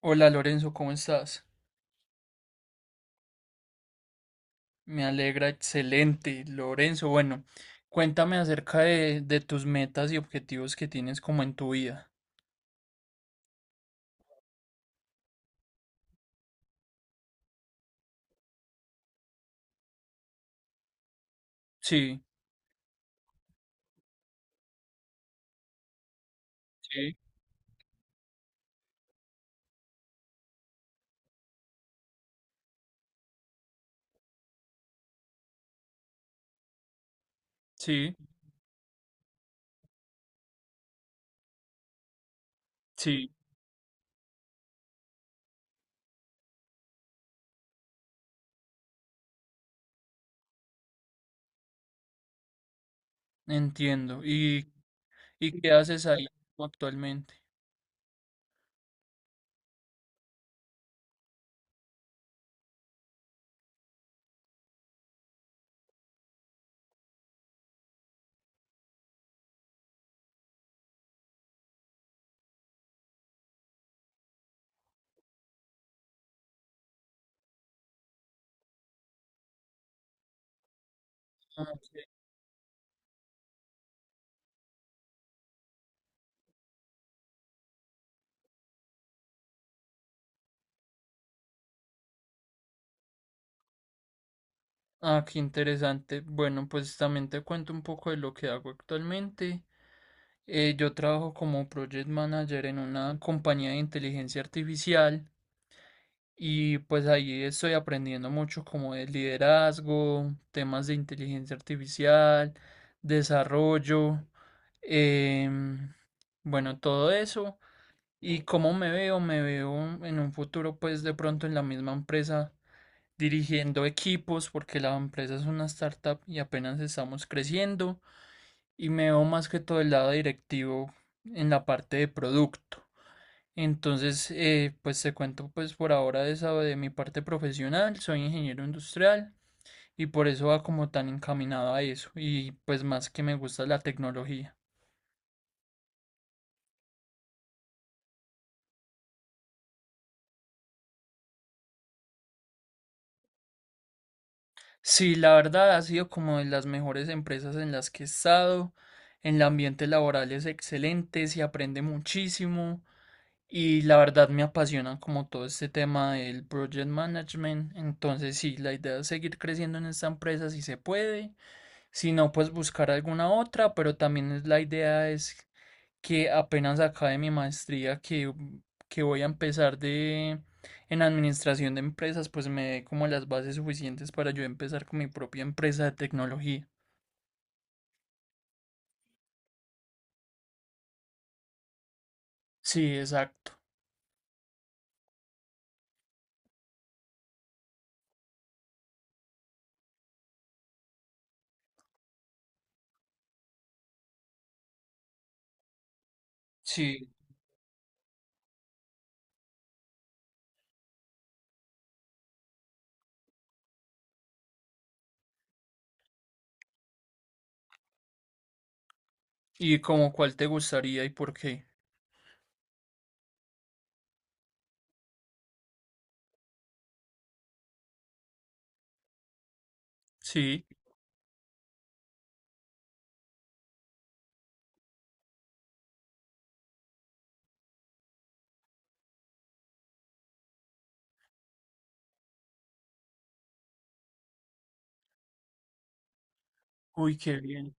Hola Lorenzo, ¿cómo estás? Me alegra, excelente. Lorenzo, bueno, cuéntame acerca de tus metas y objetivos que tienes como en tu vida. Sí, sí, sí, sí, entiendo. ¿Y qué haces ahí actualmente? Ah, ah, qué interesante. Bueno, pues también te cuento un poco de lo que hago actualmente. Yo trabajo como project manager en una compañía de inteligencia artificial. Y pues ahí estoy aprendiendo mucho como de liderazgo, temas de inteligencia artificial, desarrollo, em, bueno, todo eso. Y cómo me veo en un futuro pues de pronto en la misma empresa dirigiendo equipos porque la empresa es una startup y apenas estamos creciendo. Y me veo más que todo el lado directivo en la parte de producto. Entonces, pues te cuento pues por ahora de esa de mi parte profesional, soy ingeniero industrial y por eso va como tan encaminado a eso y pues más que me gusta la tecnología. Sí, la verdad ha sido como de las mejores empresas en las que he estado, el ambiente laboral es excelente, se aprende muchísimo y la verdad me apasiona como todo este tema del project management, entonces sí, la idea es seguir creciendo en esta empresa si se puede. Si no, pues buscar alguna otra, pero también la idea es que apenas acabe mi maestría que voy a empezar de en administración de empresas, pues me dé como las bases suficientes para yo empezar con mi propia empresa de tecnología. Sí, exacto. Sí. ¿Y como cuál te gustaría y por qué? Sí. Uy, qué bien.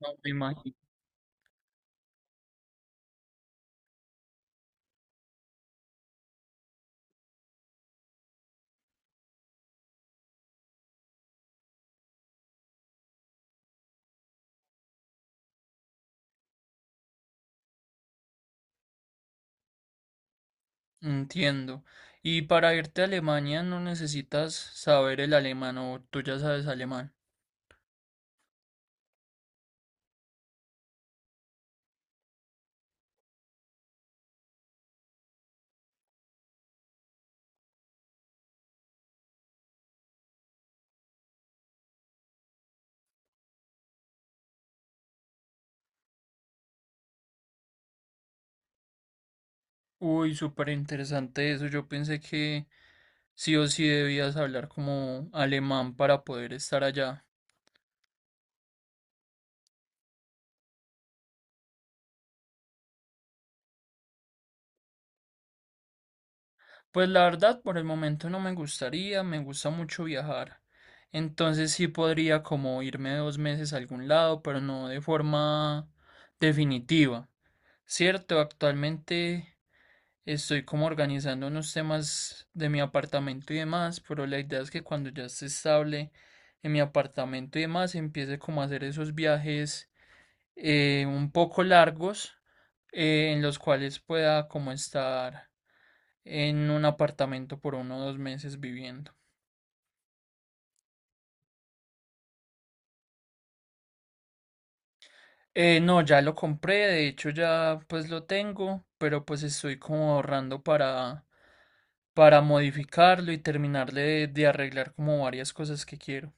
No me imagino. Entiendo. Y para irte a Alemania no necesitas saber el alemán o tú ya sabes alemán. Uy, súper interesante eso. Yo pensé que sí o sí debías hablar como alemán para poder estar allá. Pues la verdad, por el momento no me gustaría, me gusta mucho viajar. Entonces sí podría como irme 2 meses a algún lado, pero no de forma definitiva. Cierto, actualmente estoy como organizando unos temas de mi apartamento y demás, pero la idea es que cuando ya esté estable en mi apartamento y demás, empiece como a hacer esos viajes un poco largos en los cuales pueda como estar en un apartamento por 1 o 2 meses viviendo. No, ya lo compré, de hecho ya pues lo tengo, pero pues estoy como ahorrando para modificarlo y terminarle de arreglar como varias cosas que quiero.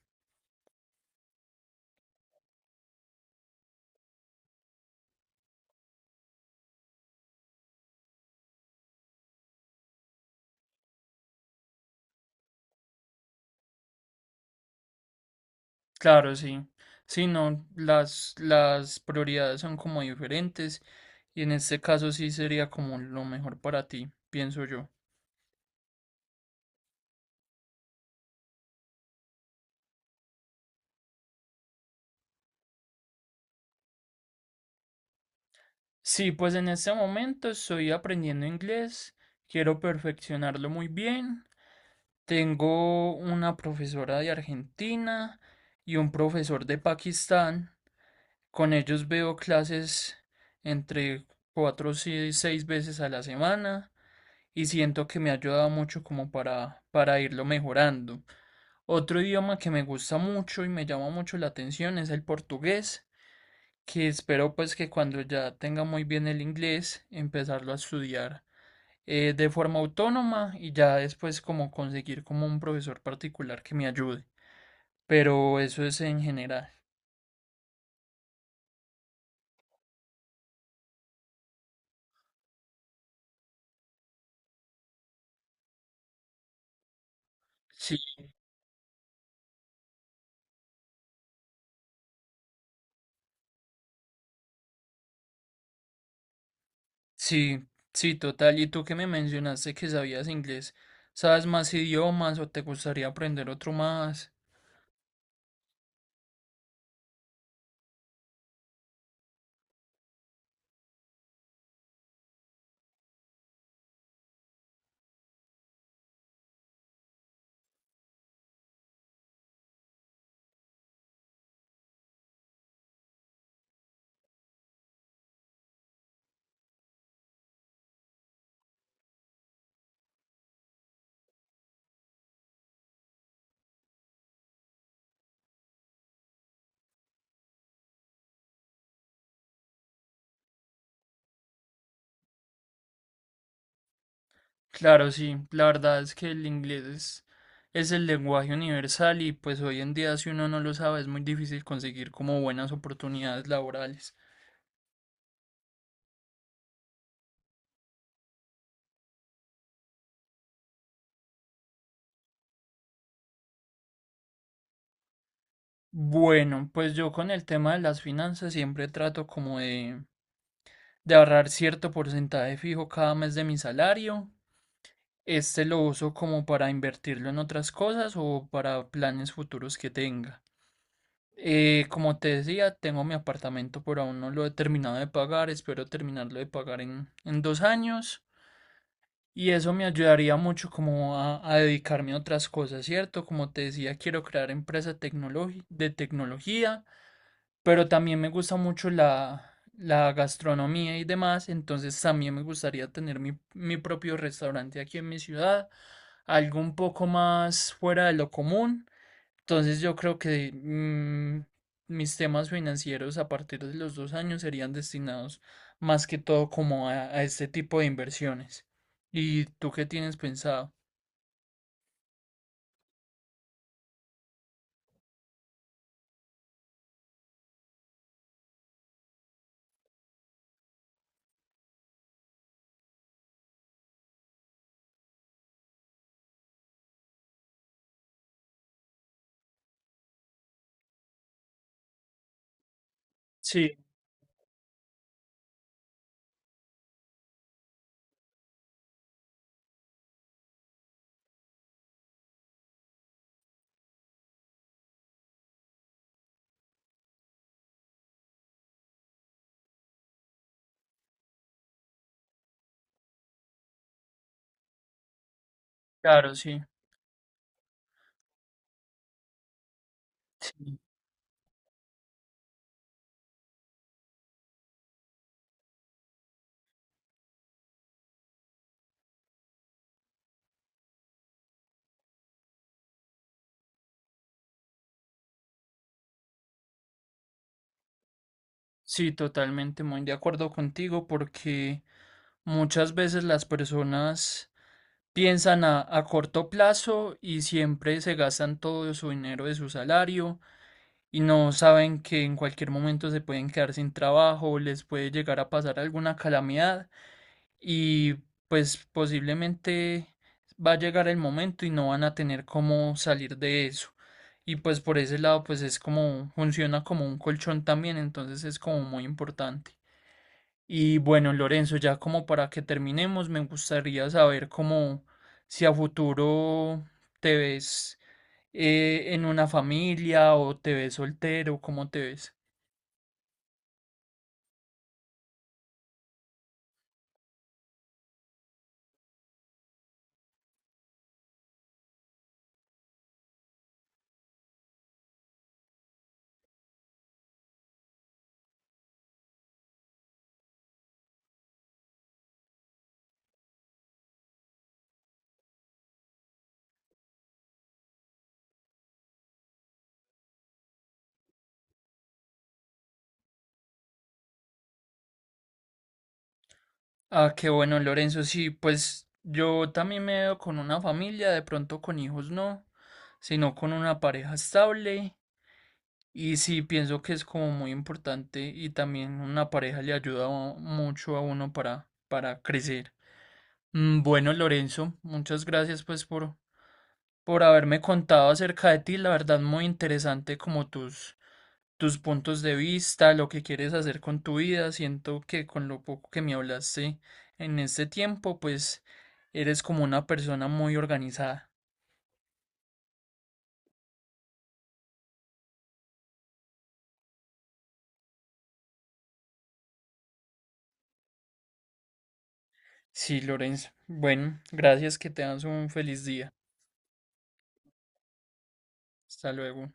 Claro, sí. Sí, no, las prioridades son como diferentes y en este caso sí sería como lo mejor para ti, pienso yo. Sí, pues en este momento estoy aprendiendo inglés, quiero perfeccionarlo muy bien. Tengo una profesora de Argentina y un profesor de Pakistán. Con ellos veo clases entre 4 y 6 veces a la semana y siento que me ha ayudado mucho como para, irlo mejorando. Otro idioma que me gusta mucho y me llama mucho la atención es el portugués que espero pues que cuando ya tenga muy bien el inglés, empezarlo a estudiar de forma autónoma y ya después como conseguir como un profesor particular que me ayude. Pero eso es en general. Sí, sí, sí, total. Y tú que me mencionaste que sabías inglés, ¿sabes más idiomas o te gustaría aprender otro más? Claro, sí, la verdad es que el inglés es el lenguaje universal y pues hoy en día si uno no lo sabe es muy difícil conseguir como buenas oportunidades laborales. Bueno, pues yo con el tema de las finanzas siempre trato como de, ahorrar cierto porcentaje fijo cada mes de mi salario. Este lo uso como para invertirlo en otras cosas o para planes futuros que tenga. Como te decía, tengo mi apartamento, pero aún no lo he terminado de pagar. Espero terminarlo de pagar en 2 años. Y eso me ayudaría mucho como a, dedicarme a otras cosas, ¿cierto? Como te decía, quiero crear empresa de tecnología. Pero también me gusta mucho la gastronomía y demás, entonces también me gustaría tener mi propio restaurante aquí en mi ciudad, algo un poco más fuera de lo común. Entonces yo creo que mis temas financieros a partir de los 2 años serían destinados más que todo como a, este tipo de inversiones. ¿Y tú qué tienes pensado? Sí, claro, sí. Sí, sí, totalmente muy de acuerdo contigo porque... Muchas veces las personas piensan a corto plazo y siempre se gastan todo su dinero de su salario y no saben que en cualquier momento se pueden quedar sin trabajo, les puede llegar a pasar alguna calamidad y pues posiblemente va a llegar el momento y no van a tener cómo salir de eso. Y pues por ese lado pues es como funciona como un colchón también, entonces es como muy importante. Y bueno, Lorenzo, ya como para que terminemos, me gustaría saber cómo si a futuro te ves en una familia o te ves soltero, cómo te ves. Ah, qué bueno, Lorenzo, sí, pues yo también me veo con una familia, de pronto con hijos no, sino con una pareja estable. Y sí, pienso que es como muy importante y también una pareja le ayuda mucho a uno para crecer. Bueno, Lorenzo, muchas gracias pues por, haberme contado acerca de ti. La verdad, muy interesante como tus puntos de vista, lo que quieres hacer con tu vida. Siento que con lo poco que me hablaste en este tiempo, pues eres como una persona muy organizada. Sí, Lorenzo. Bueno, gracias, que te tengas un feliz día. Hasta luego.